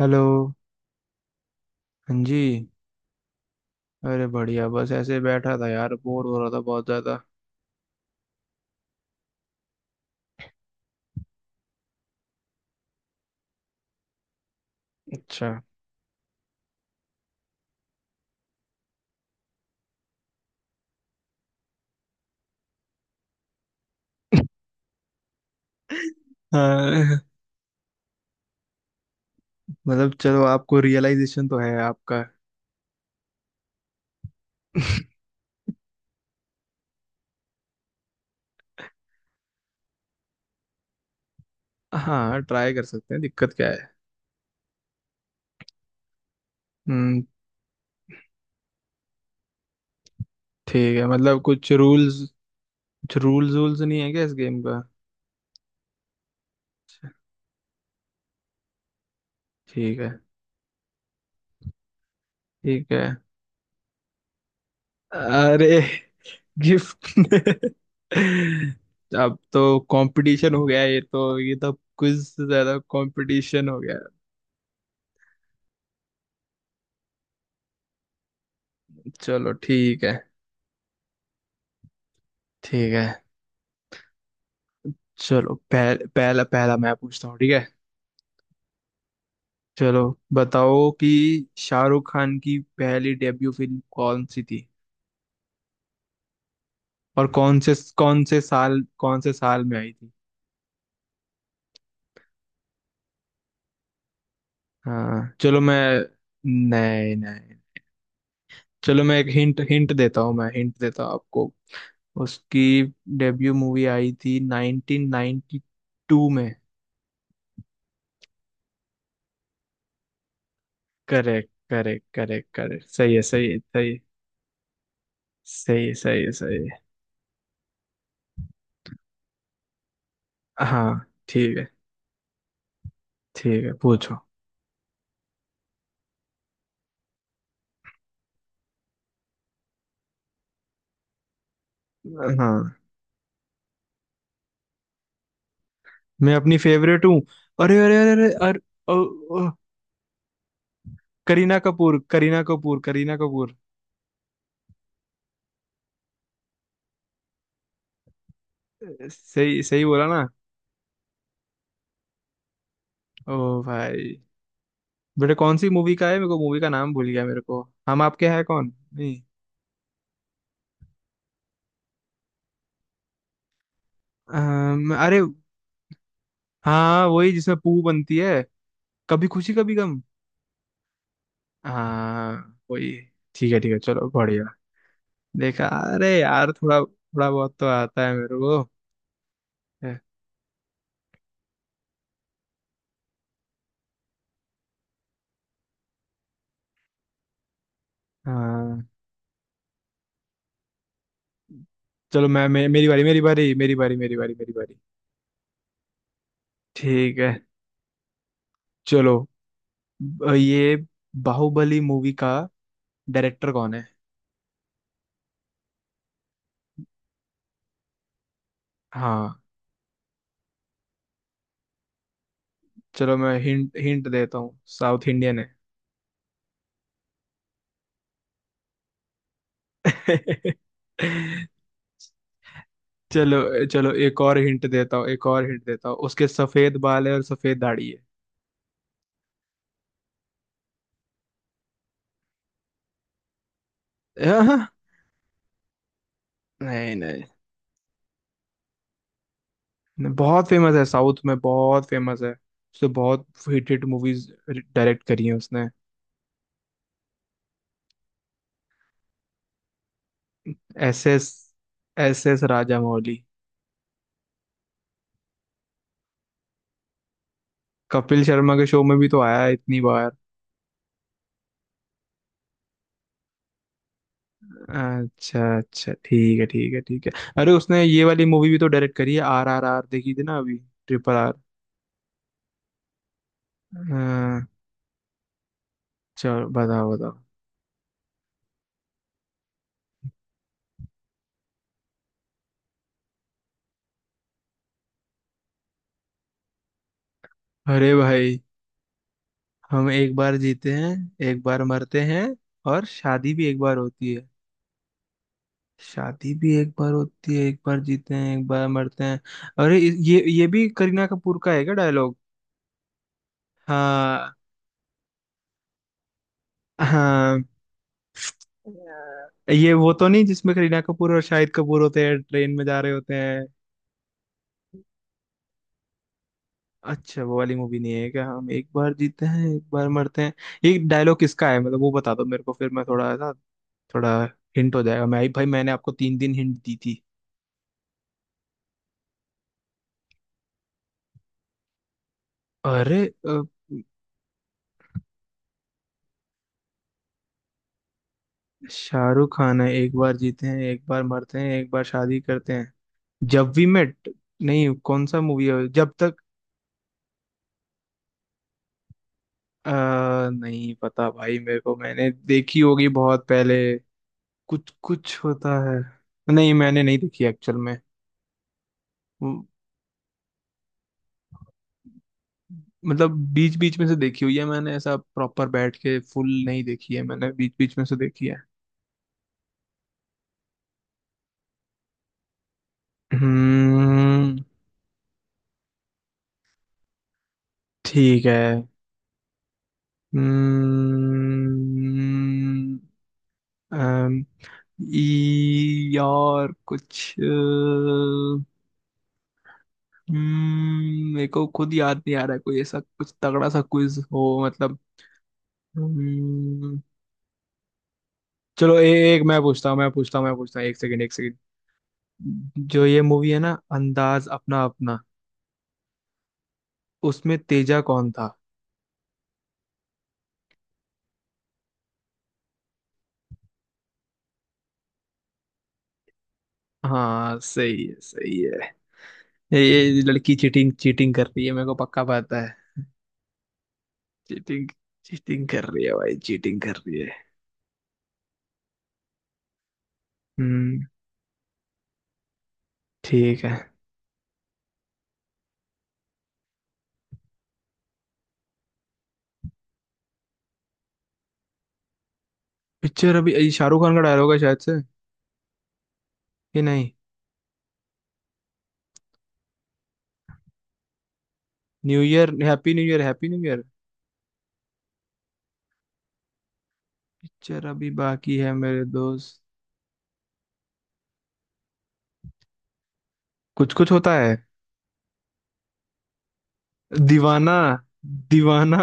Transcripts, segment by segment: Hello. हाँ जी। अरे बढ़िया, बस ऐसे ही बैठा था यार, बोर हो रहा था बहुत ज्यादा। अच्छा। हाँ, मतलब चलो, आपको रियलाइजेशन तो है आपका। हाँ ट्राई कर सकते हैं, दिक्कत क्या है। हम्म। ठीक है, मतलब कुछ रूल्स, कुछ रूल्स वूल्स नहीं है क्या इस गेम का? अच्छा, ठीक है। ठीक है। अरे गिफ्ट अब तो कंपटीशन हो गया, ये तो कुछ ज्यादा कंपटीशन हो गया। चलो ठीक है। ठीक है चलो, पहला पहला मैं पूछता हूँ ठीक है। चलो बताओ कि शाहरुख खान की पहली डेब्यू फिल्म कौन सी थी, और कौन से साल में आई थी। हाँ चलो मैं, नहीं नहीं, चलो मैं एक हिंट हिंट देता हूँ, मैं हिंट देता हूँ आपको। उसकी डेब्यू मूवी आई थी 1992 में। करेक्ट करेक्ट करेक्ट करेक्ट, सही है सही है सही है। सही है सही है सही है। हाँ ठीक है। ठीक है पूछो। हाँ, मैं अपनी फेवरेट हूँ। अरे अरे अरे अरे अरे। ओ, ओ, करीना कपूर करीना कपूर करीना कपूर। सही सही बोला ना। ओ भाई, बेटा कौन सी मूवी का है, मेरे को मूवी का नाम भूल गया मेरे को। हम आपके हैं कौन नहीं? अरे हाँ वही जिसमें पू बनती है। कभी खुशी कभी गम। हाँ वही। ठीक है ठीक है, चलो बढ़िया। देखा, अरे यार थोड़ा थोड़ा बहुत तो आता है मेरे को। हाँ चलो, मैं मेरी बारी मेरी बारी मेरी बारी मेरी बारी मेरी बारी। ठीक है चलो, ये बाहुबली मूवी का डायरेक्टर कौन है? हाँ चलो मैं हिंट हिंट देता हूँ, साउथ इंडियन है। चलो चलो, एक और हिंट देता हूँ, एक और हिंट देता हूँ, उसके सफेद बाल है और सफेद दाढ़ी है। आह, नहीं नहीं। नहीं, बहुत फेमस है, साउथ में बहुत फेमस है। उसने बहुत हिट हिट मूवीज डायरेक्ट करी हैं उसने। S S S S Rajamouli. Kapil Sharma के शो में भी तो आया है इतनी बार। अच्छा अच्छा ठीक है ठीक है ठीक है। अरे उसने ये वाली मूवी भी तो डायरेक्ट करी है, आर आर आर देखी थी ना अभी, ट्रिपल आर। हाँ चलो बताओ बताओ। अरे भाई, हम एक बार जीते हैं, एक बार मरते हैं, और शादी भी एक बार होती है। शादी भी एक बार होती है, एक बार जीते हैं, एक बार मरते हैं। ये भी करीना कपूर का है क्या डायलॉग? हाँ हाँ। ये वो तो नहीं जिसमें करीना कपूर और शाहिद कपूर होते हैं, ट्रेन में जा रहे होते हैं? अच्छा वो वाली मूवी नहीं है क्या, हम एक बार जीते हैं एक बार मरते हैं? ये डायलॉग किसका है मतलब, वो बता दो मेरे को, फिर मैं थोड़ा ना, थोड़ा हिंट हो जाएगा। मैं भाई, मैंने आपको तीन दिन हिंट दी थी। अरे अ, शाहरुख खान है, एक बार जीते हैं एक बार मरते हैं एक बार शादी करते हैं, जब वी मेट। नहीं कौन सा मूवी है जब तक, अ, नहीं पता भाई मेरे को, मैंने देखी होगी बहुत पहले। कुछ कुछ होता है। नहीं मैंने नहीं देखी एक्चुअल में, मतलब बीच बीच में से देखी हुई है मैंने, ऐसा प्रॉपर बैठ के फुल नहीं देखी है मैंने, बीच बीच में से देखी है। हम्म ठीक है। हम्म। अम, यार कुछ हम्म, मेरे को खुद याद नहीं आ रहा है कोई ऐसा कुछ तगड़ा सा क्विज हो मतलब। हम्म, चलो एक मैं पूछता हूँ मैं पूछता हूँ मैं पूछता हूँ, एक सेकंड एक सेकंड। जो ये मूवी है ना, अंदाज अपना अपना, उसमें तेजा कौन था? हाँ सही है सही है। ये लड़की चीटिंग चीटिंग कर रही है, मेरे को पक्का पता है। चीटिंग चीटिंग कर रही है भाई, चीटिंग कर रही है। हम्म। ठीक है। पिक्चर अभी, ये शाहरुख खान का डायलॉग है शायद से, कि नहीं? New year happy new year happy new year. Picture अभी बाकी है मेरे दोस्त। कुछ कुछ होता है। दीवाना दीवाना।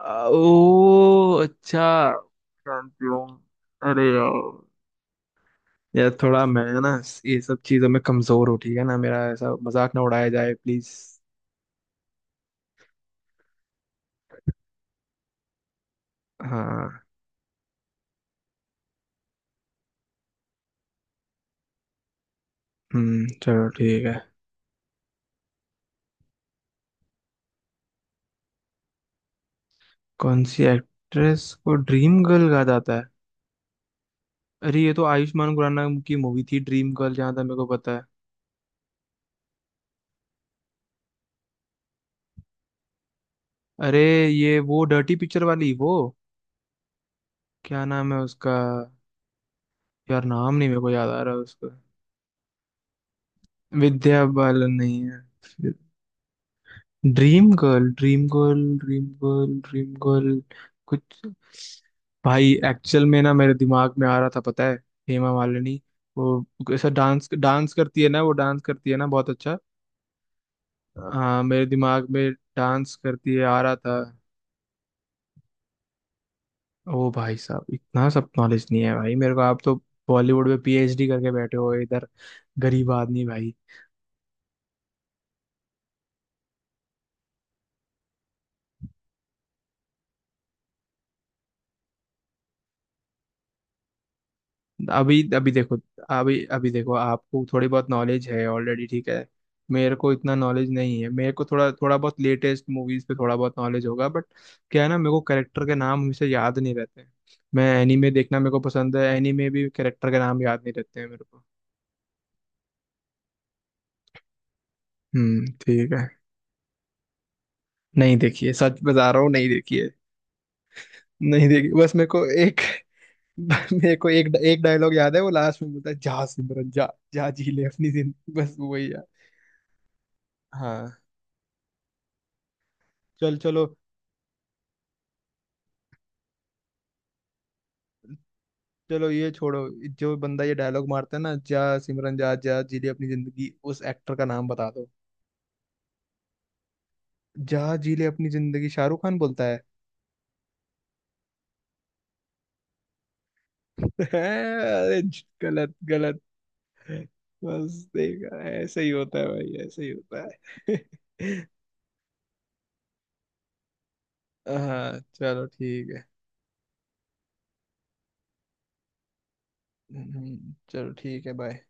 ओ अच्छा। Champion. अरे यार, यार थोड़ा मैं ना, ये सब चीजों में कमजोर हूँ ठीक है ना, मेरा ऐसा मजाक ना उड़ाया जाए प्लीज। हाँ हम्म, चलो ठीक है। कौन सी एक्ट्रेस को ड्रीम गर्ल कहा जाता है? अरे ये तो आयुष्मान खुराना की मूवी थी ड्रीम गर्ल, जहाँ तक मेरे को पता है। अरे ये वो डर्टी पिक्चर वाली वो, क्या नाम है उसका, यार नाम नहीं मेरे को याद आ रहा है उसका। विद्या बालन नहीं है? Dream girl dream girl dream girl dream girl. कुछ, भाई एक्चुअल में ना मेरे दिमाग में आ रहा था पता है, हेमा मालिनी, वो ऐसा डांस डांस करती है ना, वो डांस करती है ना बहुत अच्छा। हाँ मेरे दिमाग में डांस करती है आ रहा था। ओ भाई साहब, इतना सब नॉलेज नहीं है भाई मेरे को, आप तो बॉलीवुड में पीएचडी करके बैठे हो इधर, गरीब आदमी भाई। अभी अभी देखो। अभी अभी देखो, आपको थोड़ी बहुत नॉलेज है ऑलरेडी ठीक है। मेरे को इतना नॉलेज नहीं है, मेरे को थोड़ा, थोड़ा बहुत लेटेस्ट मूवीज पे थोड़ा बहुत नॉलेज होगा, बट क्या है ना, मेरे को कैरेक्टर के नाम हमेशा याद नहीं रहते हैं। मैं एनीमे देखना मेरे को पसंद है, एनीमे भी कैरेक्टर के नाम याद नहीं रहते हैं मेरे को। ठीक है। नहीं देखिए, सच बता रहा हूँ, नहीं देखिए। नहीं देखिए, बस मेरे को एक, मेरे को एक एक डायलॉग याद है, वो लास्ट में बोलता है, जा सिमरन जा, जा जी ले अपनी जिंदगी, बस वही याद। हाँ चल चलो। चलो ये छोड़ो, जो बंदा ये डायलॉग मारता है ना, जा सिमरन जा जा जी ले अपनी जिंदगी, उस एक्टर का नाम बता दो। जा जी ले अपनी जिंदगी शाहरुख खान बोलता है? अरे गलत गलत। बस देखा, ऐसा ही होता है भाई, ऐसा ही होता है। हाँ चलो ठीक है। चलो ठीक है, बाय।